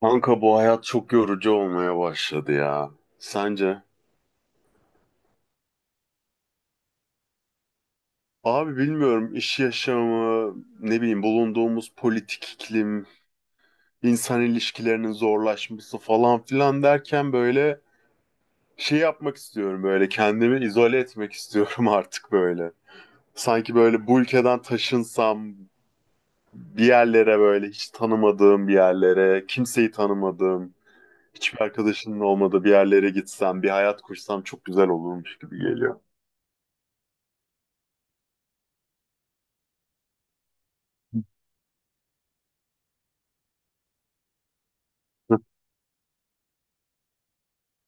Kanka bu hayat çok yorucu olmaya başladı ya. Sence? Abi bilmiyorum iş yaşamı, ne bileyim bulunduğumuz politik iklim, insan ilişkilerinin zorlaşması falan filan derken böyle şey yapmak istiyorum böyle kendimi izole etmek istiyorum artık böyle. Sanki böyle bu ülkeden taşınsam bir yerlere böyle hiç tanımadığım bir yerlere, kimseyi tanımadığım, hiçbir arkadaşının olmadığı bir yerlere gitsem, bir hayat kursam çok güzel olurmuş gibi geliyor.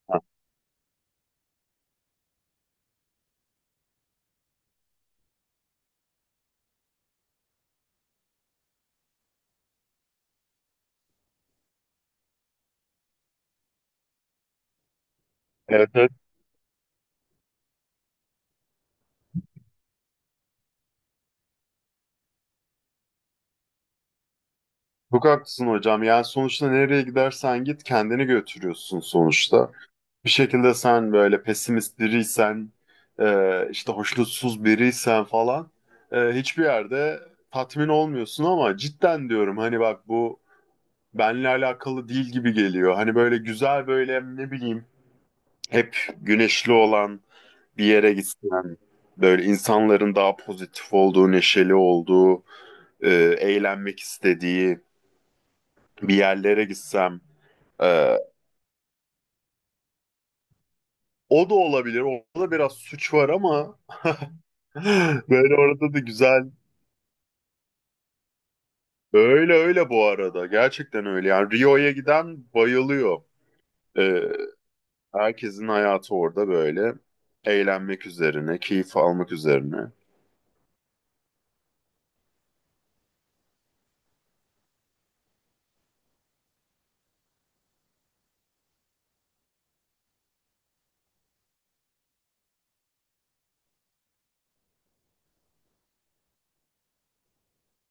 Evet, evet. Çok haklısın hocam. Yani sonuçta nereye gidersen git kendini götürüyorsun sonuçta. Bir şekilde sen böyle pesimist biriysen, işte hoşnutsuz biriysen falan hiçbir yerde tatmin olmuyorsun ama cidden diyorum hani bak bu benle alakalı değil gibi geliyor. Hani böyle güzel böyle ne bileyim hep güneşli olan bir yere gitsen, böyle insanların daha pozitif olduğu, neşeli olduğu, e, eğlenmek istediği bir yerlere gitsem. Ee, o da olabilir. Orada biraz suç var ama böyle orada da güzel. Öyle öyle bu arada. Gerçekten öyle. Yani Rio'ya giden bayılıyor. Ee, herkesin hayatı orada böyle. Eğlenmek üzerine, keyif almak üzerine.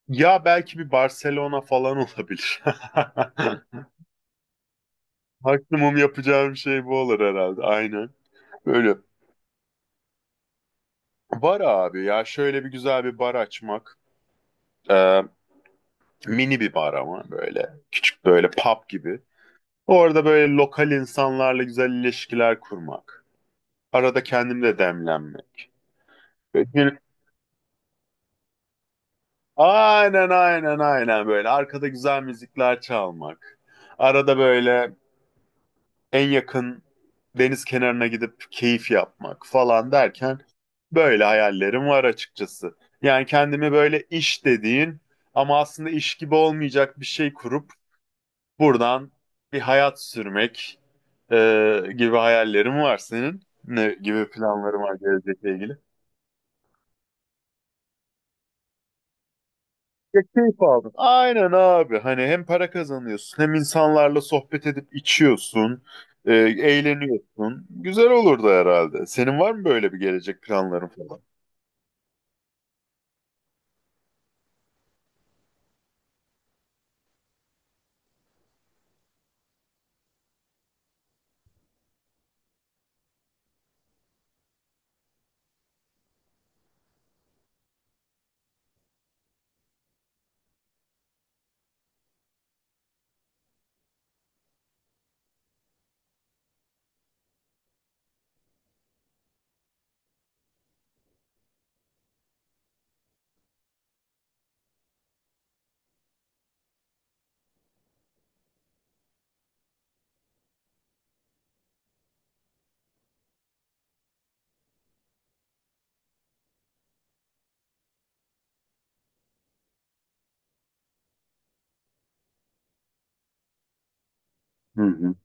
Ya belki bir Barcelona falan olabilir. Maksimum yapacağım şey bu olur herhalde. Aynen. Böyle. Bar abi ya şöyle bir güzel bir bar açmak. Ee, Mini bir bar ama böyle. Küçük böyle pub gibi. Orada böyle lokal insanlarla güzel ilişkiler kurmak. Arada kendim de demlenmek. Böyle aynen aynen aynen böyle. Arkada güzel müzikler çalmak. Arada böyle en yakın deniz kenarına gidip keyif yapmak falan derken böyle hayallerim var açıkçası. Yani kendimi böyle iş dediğin ama aslında iş gibi olmayacak bir şey kurup buradan bir hayat sürmek e, gibi hayallerim var senin. Ne gibi planlarım var gelecekle ilgili? Ya keyif aldım. Aynen abi. Hani hem para kazanıyorsun hem insanlarla sohbet edip içiyorsun. Eğleniyorsun. Güzel olurdu herhalde. Senin var mı böyle bir gelecek planların falan? Hı hı.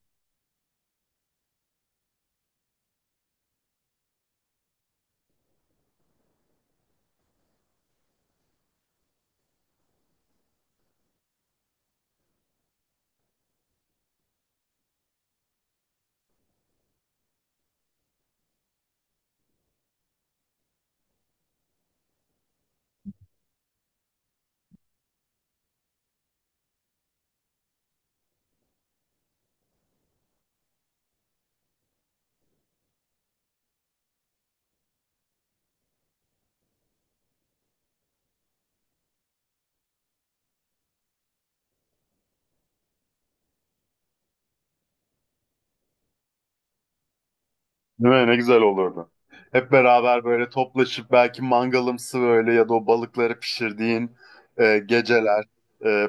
Değil mi? Ne güzel olurdu. Hep beraber böyle toplaşıp belki mangalımsı böyle ya da o balıkları pişirdiğin geceler. e,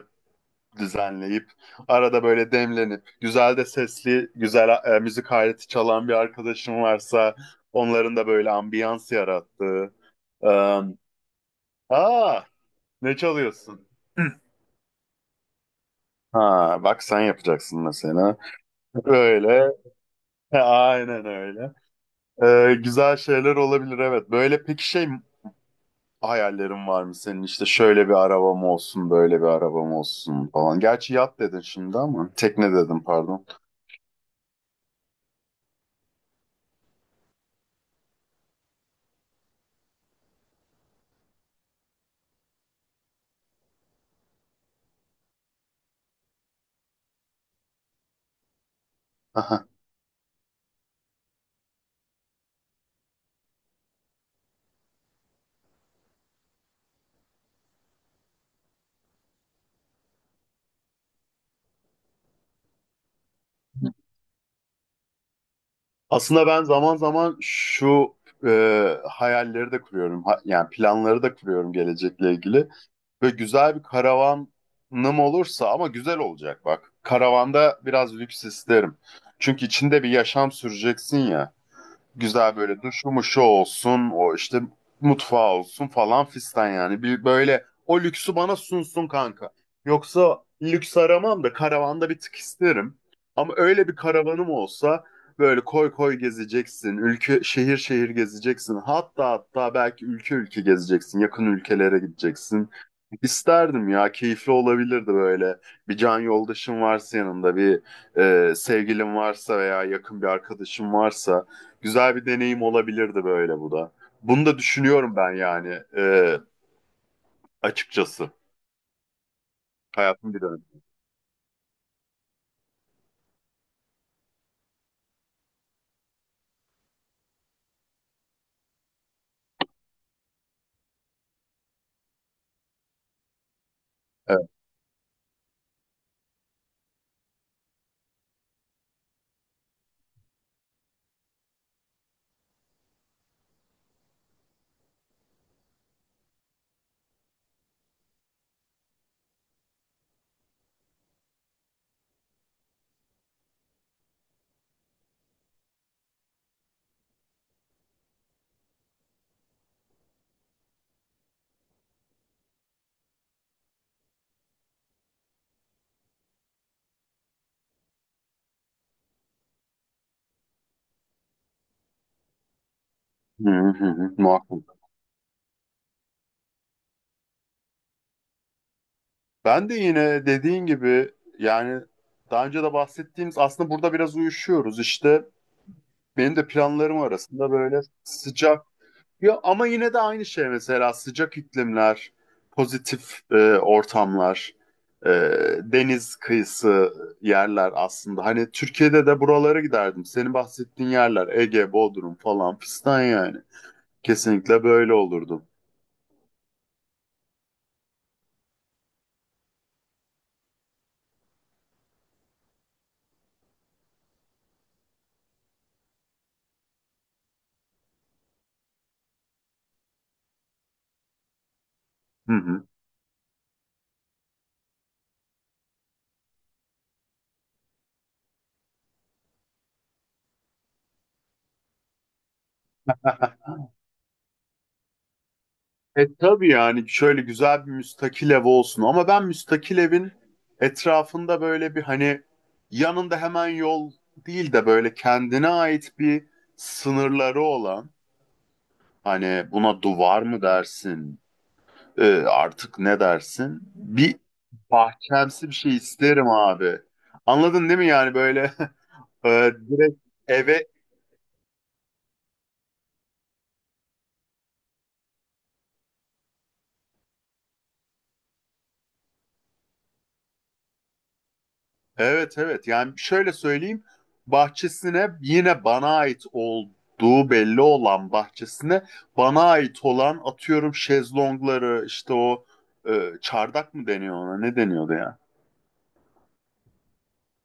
Düzenleyip arada böyle demlenip güzel de sesli güzel müzik aleti çalan bir arkadaşım varsa onların da böyle ambiyans yarattığı. E, aa ne çalıyorsun? Ha bak sen yapacaksın mesela. Öyle. He, aynen öyle. Güzel şeyler olabilir evet. Böyle peki şey hayallerin var mı senin? İşte şöyle bir arabam olsun, böyle bir arabam olsun falan. Gerçi yat dedin şimdi ama tekne dedim pardon. Aslında ben zaman zaman şu e, hayalleri de kuruyorum. Yani planları da kuruyorum gelecekle ilgili. Ve güzel bir karavanım olursa ama güzel olacak bak. Karavanda biraz lüks isterim. Çünkü içinde bir yaşam süreceksin ya güzel böyle duşu mu şu olsun o işte mutfağı olsun falan fistan yani. Bir böyle o lüksü bana sunsun kanka. Yoksa lüks aramam da karavanda bir tık isterim. Ama öyle bir karavanım olsa böyle koy koy gezeceksin. Ülke şehir şehir gezeceksin. Hatta hatta belki ülke ülke gezeceksin. Yakın ülkelere gideceksin. İsterdim ya keyifli olabilirdi böyle. Bir can yoldaşın varsa yanında bir sevgilin varsa veya yakın bir arkadaşın varsa güzel bir deneyim olabilirdi böyle bu da. Bunu da düşünüyorum ben yani açıkçası. Hayatım bir dönem. Evet. Hı hı hı, muhakkak. Ben de yine dediğin gibi yani daha önce de bahsettiğimiz aslında burada biraz uyuşuyoruz. İşte benim de planlarım arasında böyle sıcak. Ya ama yine de aynı şey mesela sıcak iklimler, pozitif ortamlar, e, deniz kıyısı yerler aslında. Hani Türkiye'de de buralara giderdim. Senin bahsettiğin yerler Ege, Bodrum falan fistan yani. Kesinlikle böyle olurdum. Hı hı. Tabii yani şöyle güzel bir müstakil ev olsun ama ben müstakil evin etrafında böyle bir hani yanında hemen yol değil de böyle kendine ait bir sınırları olan. Hani buna duvar mı dersin? Artık ne dersin? Bir bahçemsi bir şey isterim abi. Anladın değil mi yani böyle direkt eve evet evet yani şöyle söyleyeyim bahçesine yine bana ait olduğu belli olan bahçesine bana ait olan atıyorum şezlongları işte o çardak mı deniyor ona ne deniyordu ya?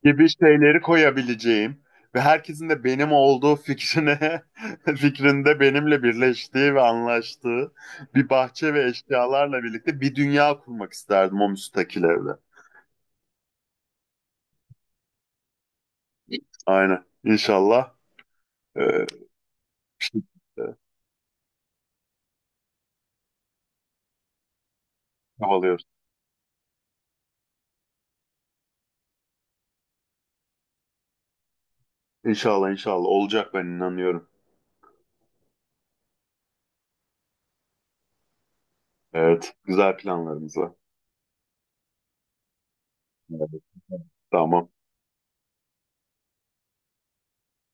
Gibi şeyleri koyabileceğim ve herkesin de benim olduğu fikrine fikrinde benimle birleştiği ve anlaştığı bir bahçe ve eşyalarla birlikte bir dünya kurmak isterdim o müstakil evde. Aynen. İnşallah e, bir şekilde çabalıyoruz. İnşallah inşallah olacak ben inanıyorum. Evet. Güzel planlarımız var. Evet. Tamam.